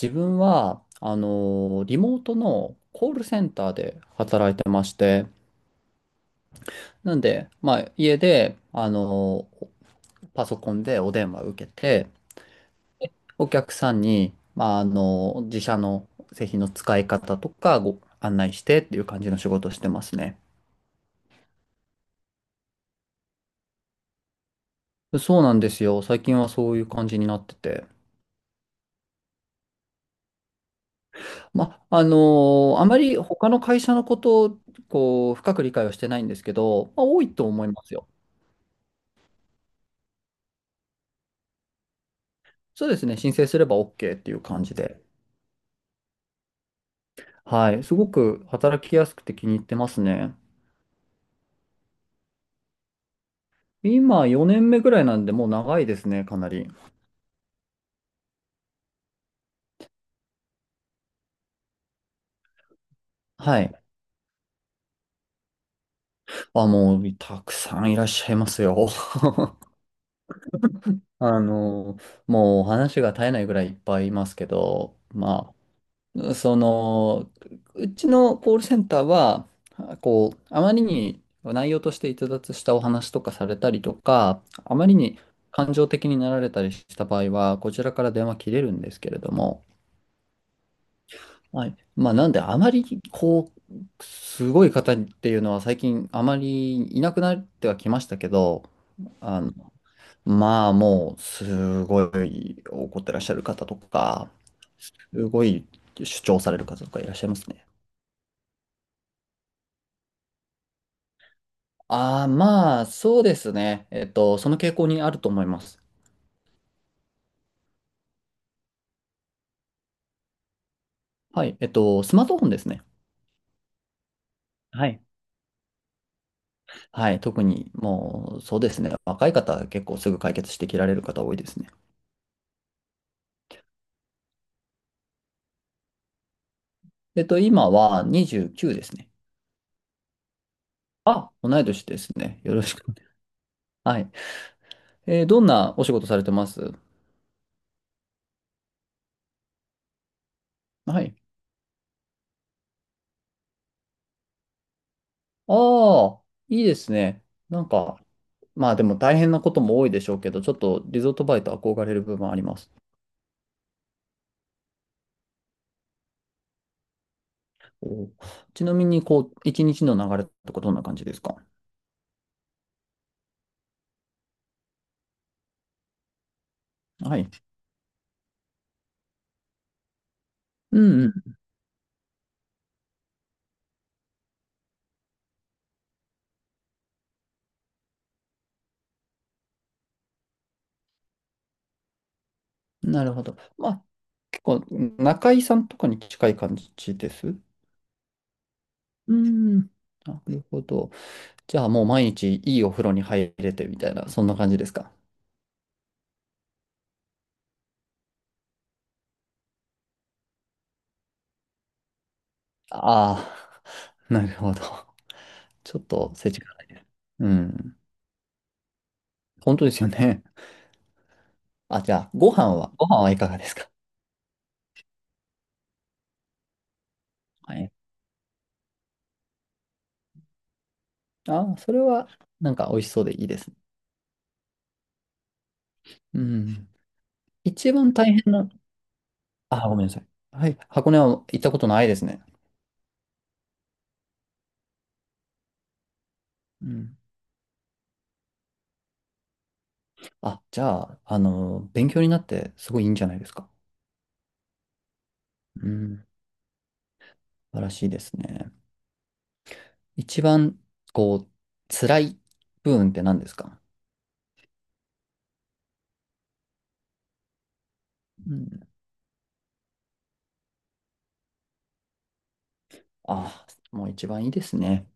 自分は、リモートのコールセンターで働いてまして、なんで、まあ、家で、パソコンでお電話受けて、お客さんに、まあ、自社の製品の使い方とかご案内してっていう感じの仕事をしてますね。そうなんですよ。最近はそういう感じになってて。まあ、あまり他の会社のことを、こう、深く理解はしてないんですけど、まあ、多いと思いますよ。そうですね。申請すれば OK っていう感じで。はい。すごく働きやすくて気に入ってますね。今4年目ぐらいなんで、もう長いですね、かなり。はい。あ、もう、たくさんいらっしゃいますよ。あの、もうお話が絶えないぐらいいっぱいいますけど、まあ、その、うちのコールセンターは、こう、あまりに内容として逸脱したお話とかされたりとか、あまりに感情的になられたりした場合は、こちらから電話切れるんですけれども、はい。まあ、なんで、あまり、こう、すごい方っていうのは最近あまりいなくなってはきましたけど、あの、まあ、もう、すごい怒ってらっしゃる方とか、すごい主張される方とかいらっしゃいますね。ああ、まあ、そうですね。えっと、その傾向にあると思います。はい。えっと、スマートフォンですね。はい。はい。特に、もう、そうですね。若い方は結構すぐ解決してきられる方多いですね。えっと、今は29ですね。あ、同い年ですね。よろしく。はい。えーどんなお仕事されてます？はい。ああ、いいですね。なんか、まあでも大変なことも多いでしょうけど、ちょっとリゾートバイト憧れる部分あります。お、ちなみに、こう、一日の流れとかどんな感じですか？はい。うんうん。なるほど。まあ、結構、中井さんとかに近い感じです。うん。なるほど。じゃあ、もう毎日いいお風呂に入れてみたいな、そんな感じですか？ああ、なるほど。ちょっと、世がないです。うん。本当ですよね。あ、じゃあ、ご飯は、ご飯はいかがですか？はい。ああ、それは、なんか美味しそうでいいですね。うん。一番大変な、あ、ごめんなさい。はい。箱根は行ったことないですね。うん。あ、じゃあ、勉強になってすごいいいんじゃないですか。うん。素晴らしいですね。一番、こう、辛い部分って何ですか？うん。あ、もう一番いいですね。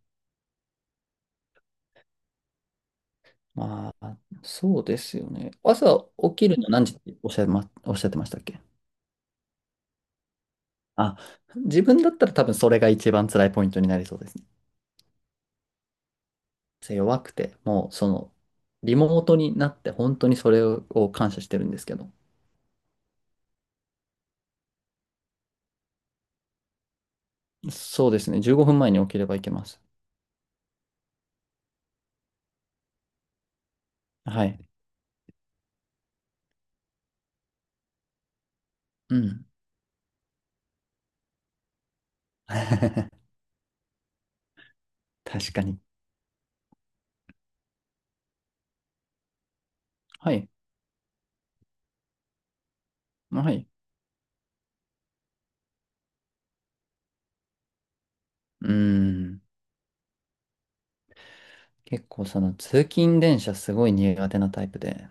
まあ、そうですよね。朝起きるの何時っておっしゃいま、おっしゃってましたっけ？あ、自分だったら多分それが一番辛いポイントになりそうですね。弱くて、もうその、リモートになって本当にそれを感謝してるんですけど。そうですね。15分前に起きればいけます。はい。うん。確かに。はい。はい。うん。結構その通勤電車すごい苦手なタイプで、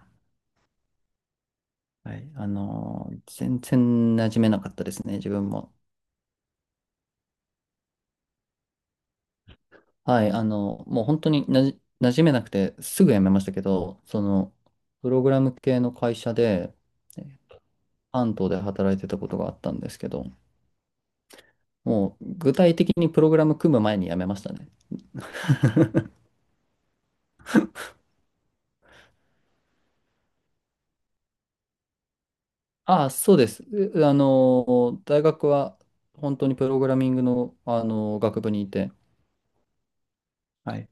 はい。全然馴染めなかったですね、自分も。はい。もう本当になじ、馴染めなくてすぐ辞めましたけど、その、プログラム系の会社で、関東で働いてたことがあったんですけど、もう具体的にプログラム組む前に辞めましたね。ああ、そうです。う、大学は本当にプログラミングの、あの学部にいて、はい。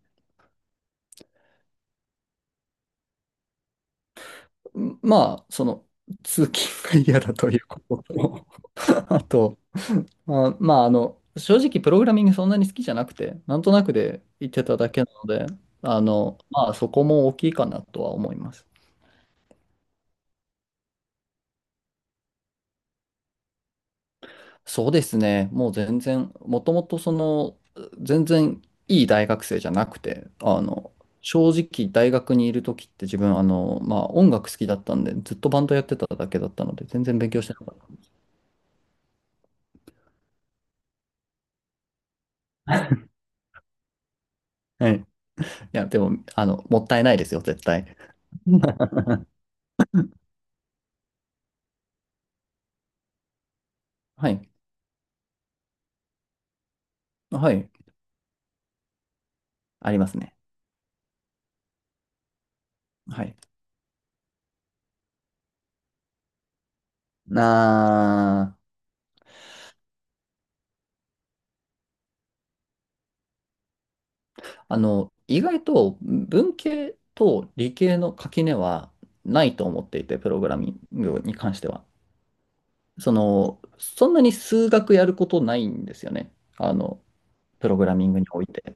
まあ、その、通勤が嫌だということと、あと、まあ、正直プログラミングそんなに好きじゃなくて、なんとなくで行ってただけなので、まあ、そこも大きいかなとは思います。そうですね。もう全然、もともとその、全然いい大学生じゃなくて、正直大学にいる時って自分、まあ音楽好きだったんで、ずっとバンドやってただけだったので、全然勉強してなかった。はい。いや、でも、もったいないですよ、絶対。うん、はい。はい。ありますね。はい。なあ、意外と文系と理系の垣根はないと思っていて、プログラミングに関しては。その、そんなに数学やることないんですよね。あの、プログラミングにおいて。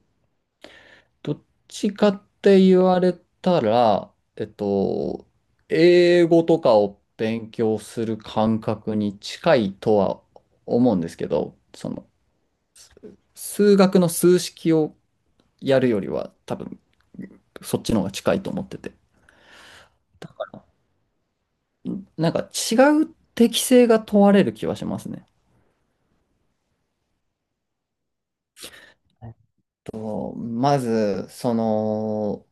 どっちかって言われたら、えっと、英語とかを勉強する感覚に近いとは思うんですけど、その、数学の数式をやるよりは多分、そっちの方が近いと思ってて。だから、なんか違う適性が問われる気はしますね。まず、その、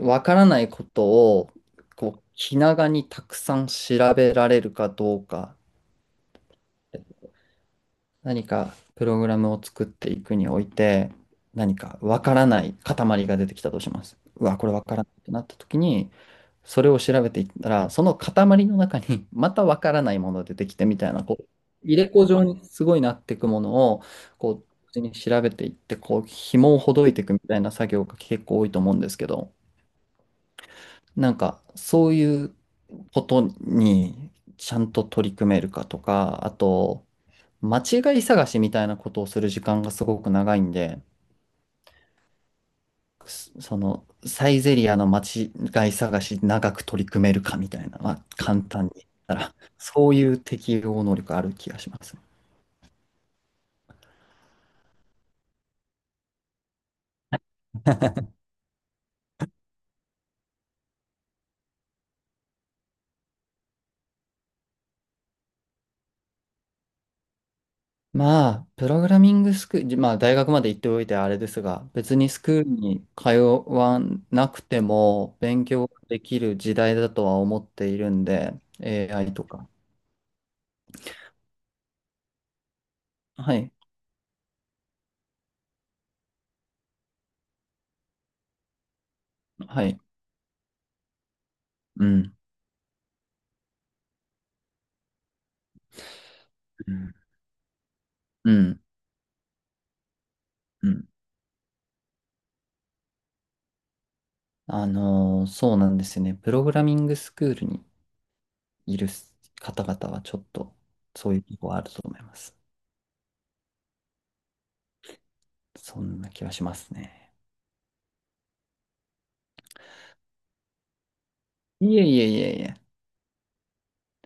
わからないことを、こう、気長にたくさん調べられるかどうか、何かプログラムを作っていくにおいて、何かわからない塊が出てきたとします。うわ、これわからないってなった時に、それを調べていったら、その塊の中に またわからないものが出てきてみたいな、こう、入れ子状にすごいなっていくものを、こう、同時に調べていって、こう、紐をほどいていくみたいな作業が結構多いと思うんですけど、なんか、そういうことにちゃんと取り組めるかとか、あと、間違い探しみたいなことをする時間がすごく長いんで、その、サイゼリアの間違い探し長く取り組めるかみたいな、まあ、簡単に言ったら、そういう適応能力ある気がしますね。まあ、プログラミングスクール、まあ、大学まで行っておいてあれですが、別にスクールに通わなくても勉強できる時代だとは思っているんで、AI とか。はい。はい。うん。うん。うん。そうなんですよね。プログラミングスクールにいる方々はちょっとそういうとこあると思います。そんな気はしますね。いえいえいえいえ。